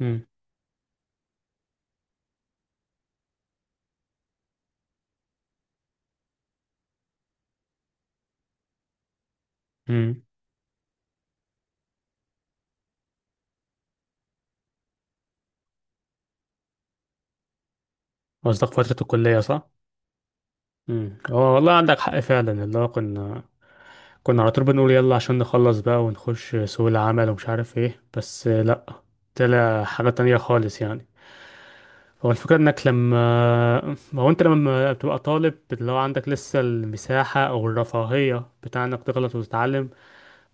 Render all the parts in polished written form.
امم. امم. قصدك فترة الكلية صح؟ امم. هو والله عندك حق فعلا اللي هو كنا على طول بنقول يلا عشان نخلص بقى ونخش سوق العمل ومش عارف ايه، بس لا، طلع حاجة تانية خالص يعني. هو الفكرة انك لما هو انت لما بتبقى طالب اللي هو عندك لسه المساحة او الرفاهية بتاع انك تغلط وتتعلم.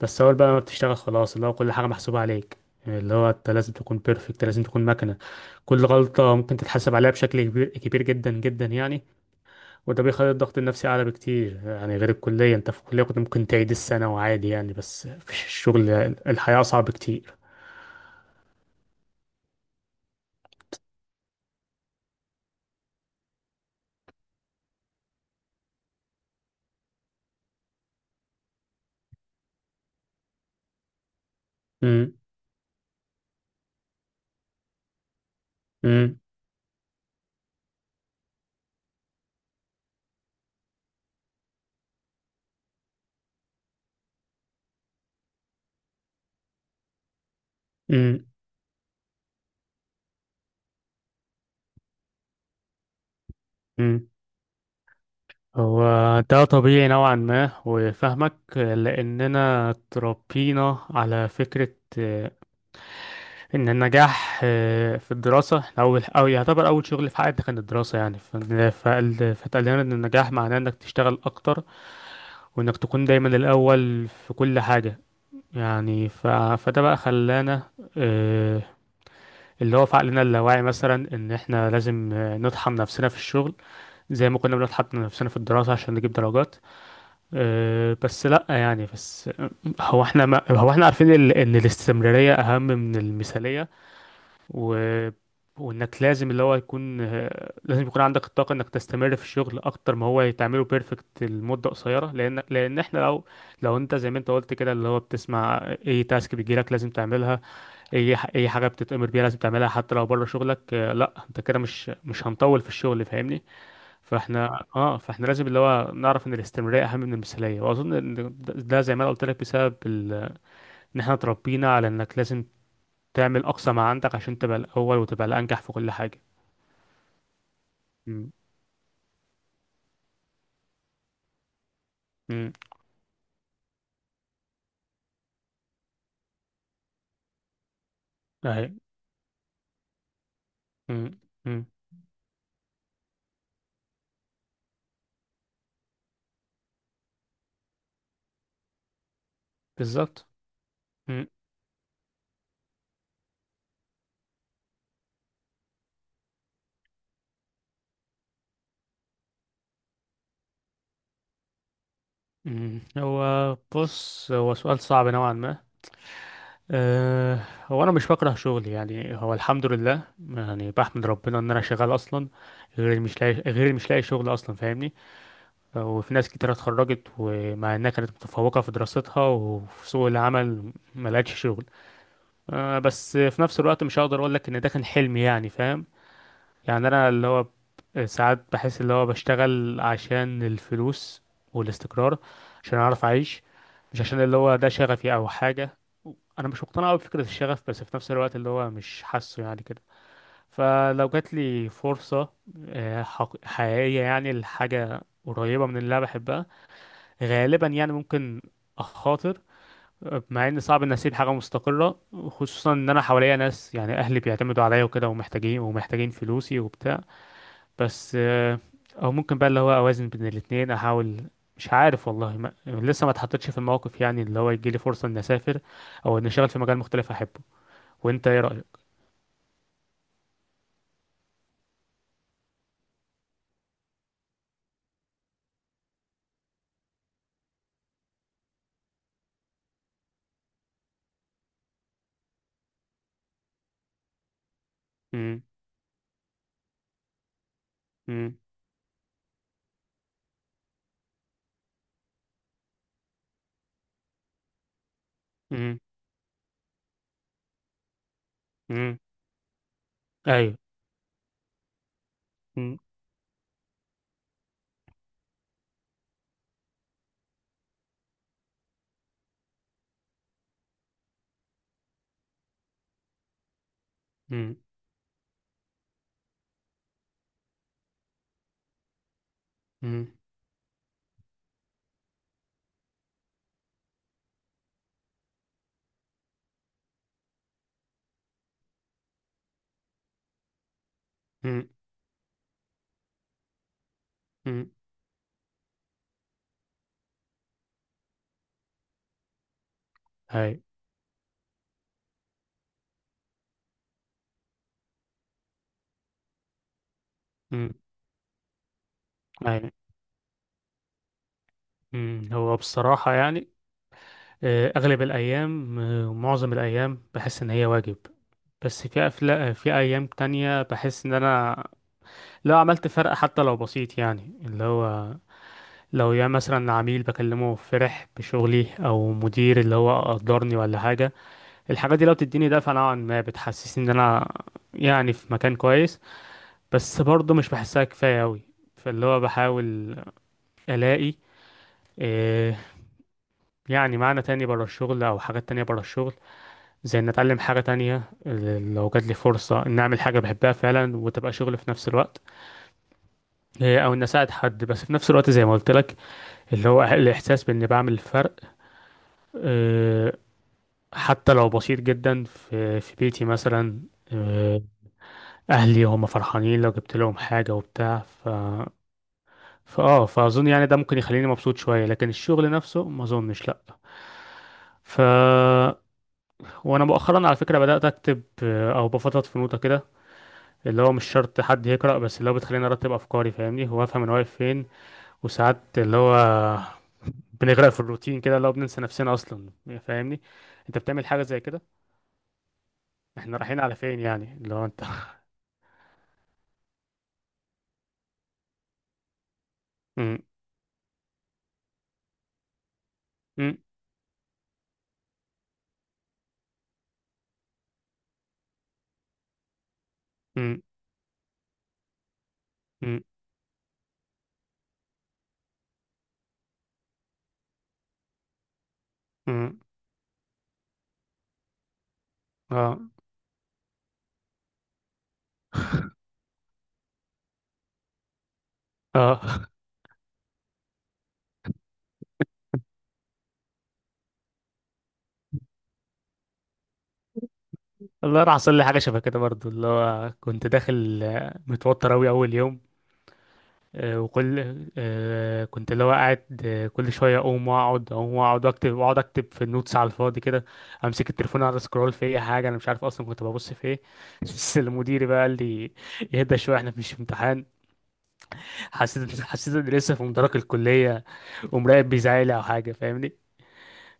بس اول بقى ما بتشتغل خلاص اللي هو كل حاجة محسوبة عليك. اللي هو انت لازم تكون بيرفكت، لازم تكون مكنة. كل غلطة ممكن تتحاسب عليها بشكل كبير كبير جدا جدا يعني. وده بيخلي الضغط النفسي أعلى بكتير، يعني غير الكلية. أنت في الكلية كنت ممكن تعيد السنة وعادي يعني، بس في الشغل الحياة أصعب كتير. امم. امم. امم. امم. هو ده طبيعي نوعا ما وفاهمك، لأننا اتربينا على فكرة إن النجاح في الدراسة. إحنا أول أو يعتبر أول شغل في حياتنا كان الدراسة، يعني فاتقال لنا إن النجاح معناه إنك تشتغل أكتر وإنك تكون دايما الأول في كل حاجة. يعني ف... فده بقى خلانا آه، اللي هو في عقلنا اللاواعي مثلا ان احنا لازم نطحن نفسنا في الشغل زي ما كنا بنطحن نفسنا في الدراسة عشان نجيب درجات. بس لا يعني بس. هو احنا ما هو احنا عارفين ان الاستمرارية اهم من المثالية. و... وانك لازم اللي هو يكون آه، لازم يكون عندك الطاقة انك تستمر في الشغل اكتر ما هو تعمله بيرفكت لمدة قصيرة، لان لان احنا لو لو انت زي ما انت قلت كده اللي هو بتسمع اي تاسك بيجيلك لازم تعملها، اي حاجه بتتامر بيها لازم تعملها حتى لو بره شغلك. آه، لا انت كده مش هنطول في الشغل فاهمني. فاحنا لازم اللي هو نعرف ان الاستمراريه اهم من المثاليه. واظن ان ده زي ما انا قلت لك بسبب ان احنا اتربينا على انك لازم تعمل اقصى ما عندك عشان تبقى الاول وتبقى الانجح في كل حاجه. امم. امم. اهي. امم. امم. بالظبط. امم. امم. هو بص، هو سؤال صعب نوعا ما. أه، هو انا مش بكره شغلي يعني، هو الحمد لله. يعني بحمد ربنا ان انا شغال اصلا، غير اللي مش لاقي شغل اصلا فاهمني. وفي ناس كتير اتخرجت ومع انها كانت متفوقه في دراستها وفي سوق العمل ما لقتش شغل. أه بس في نفس الوقت مش هقدر اقول لك ان ده كان حلمي يعني فاهم. يعني انا اللي هو ساعات بحس اللي هو بشتغل عشان الفلوس والاستقرار، عشان اعرف اعيش، مش عشان اللي هو ده شغفي او حاجة. انا مش مقتنع قوي بفكرة الشغف بس في نفس الوقت اللي هو مش حاسه يعني كده. فلو جات لي فرصة حقيقية يعني لحاجة قريبة من اللي انا بحبها، غالبا يعني ممكن اخاطر مع ان صعب ان اسيب حاجه مستقره، خصوصا ان انا حواليا ناس يعني اهلي بيعتمدوا عليا وكده ومحتاجين ومحتاجين فلوسي وبتاع. بس او ممكن بقى اللي هو اوازن بين الاتنين احاول. مش عارف والله ما... لسه ما اتحطيتش في الموقف يعني اللي هو يجي لي فرصة اني اسافر او اني اشتغل في مجال مختلف احبه. وانت ايه رأيك؟ امم. امم. امم. امم. ايوه. امم. امم. امم. امم. امم. ايوه. امم. ايوه. امم. هو بصراحة يعني آه، اغلب الايام آه، معظم الايام بحس ان هي واجب، بس في أيام تانية بحس إن أنا لو عملت فرق حتى لو بسيط يعني، اللي هو لو يا مثلا عميل بكلمه فرح بشغلي او مدير اللي هو قدرني ولا حاجه، الحاجات دي لو بتديني دفعه نوعا ما بتحسسني ان انا يعني في مكان كويس. بس برضه مش بحسها كفايه قوي. فاللي هو بحاول الاقي إيه، يعني معنى تاني بره الشغل او حاجات تانية بره الشغل، زي ان اتعلم حاجه تانية لو جات لي فرصه ان اعمل حاجه بحبها فعلا وتبقى شغل في نفس الوقت. إيه او ان اساعد حد، بس في نفس الوقت زي ما قلت لك اللي هو الاحساس باني بعمل فرق آه، حتى لو بسيط جدا في بيتي مثلا. آه، اهلي هم فرحانين لو جبت لهم حاجه وبتاع. ف فاه فاظن يعني ده ممكن يخليني مبسوط شويه، لكن الشغل نفسه ما اظنش لا. ف وانا مؤخرا على فكره بدات اكتب او بفضفض في نوتة كده، اللي هو مش شرط حد يقرا بس اللي هو بتخليني ارتب افكاري فاهمني وافهم انا واقف فين. وساعات اللي هو بنغرق في الروتين كده، اللي هو بننسى نفسنا اصلا فاهمني. انت بتعمل حاجه زي كده؟ احنا رايحين على فين؟ يعني اللي هو انت. مم. مم. مم. مم. مم. اه. اه. والله راح حصل لي حاجه شبه كده برضو، اللي هو كنت داخل متوتر اوي اول يوم، آه، وكل آه، كنت اللي هو قاعد كل شويه اقوم واقعد اقوم واقعد واكتب واقعد اكتب في النوتس على الفاضي كده. امسك التليفون اقعد اسكرول في اي حاجه، انا مش عارف اصلا كنت ببص في ايه. بس المدير بقى قال لي: اهدى شويه احنا مش في امتحان. حسيت اني لسه في مدرج الكليه ومراقب بيزعلي او حاجه فاهمني.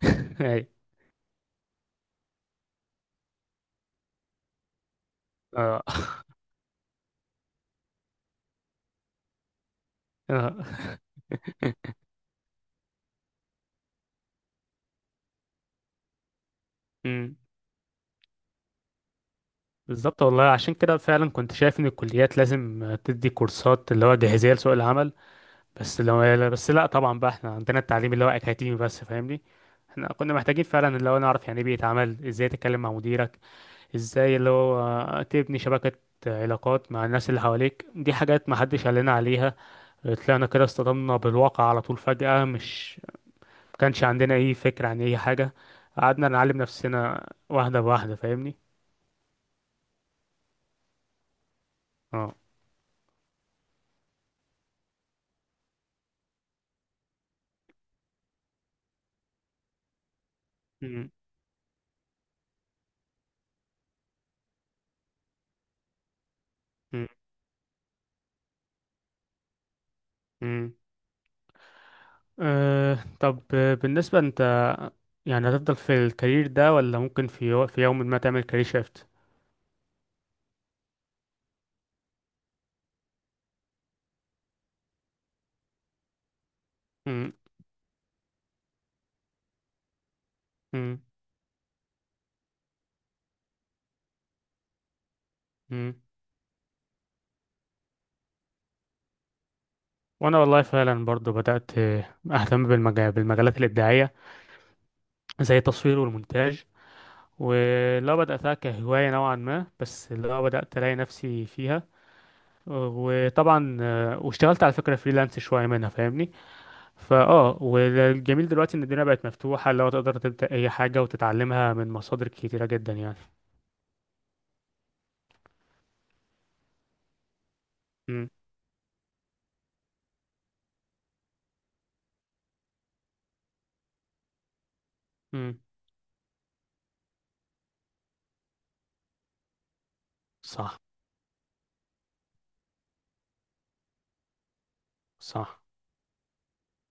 أي. اه. اه. مم. بالظبط والله، عشان كده فعلا كنت شايف ان الكليات لازم تدي كورسات اللي هو جاهزيه لسوق العمل. بس لا طبعا بقى احنا عندنا التعليم اللي هو اكاديمي بس فاهمني. احنا كنا محتاجين فعلا اللي هو نعرف يعني ايه بيئه عمل، ازاي تتكلم مع مديرك، ازاي اللي هو تبني شبكه علاقات مع الناس اللي حواليك. دي حاجات ما حدش قال لنا عليها. طلعنا كده اصطدمنا بالواقع على طول فجأة، مش ما كانش عندنا اي فكره عن اي حاجه، قعدنا نعلم نفسنا واحده بواحده فاهمني. اه. امم. أه طب بالنسبة انت يعني هتفضل في الكارير ده ولا ممكن في يوم ما تعمل كارير شيفت؟ مم. مم. مم. وانا والله فعلا برضو بدأت اهتم بالمجالات الابداعية زي التصوير والمونتاج. ولو بدأتها كهواية نوعا ما بس لو بدأت الاقي نفسي فيها. وطبعا واشتغلت على فكرة فريلانس شوية منها فاهمني. والجميل دلوقتي ان الدنيا بقت مفتوحة لو تقدر تبدأ اي حاجة وتتعلمها من مصادر كتيرة جدا يعني. امم. صح. صح.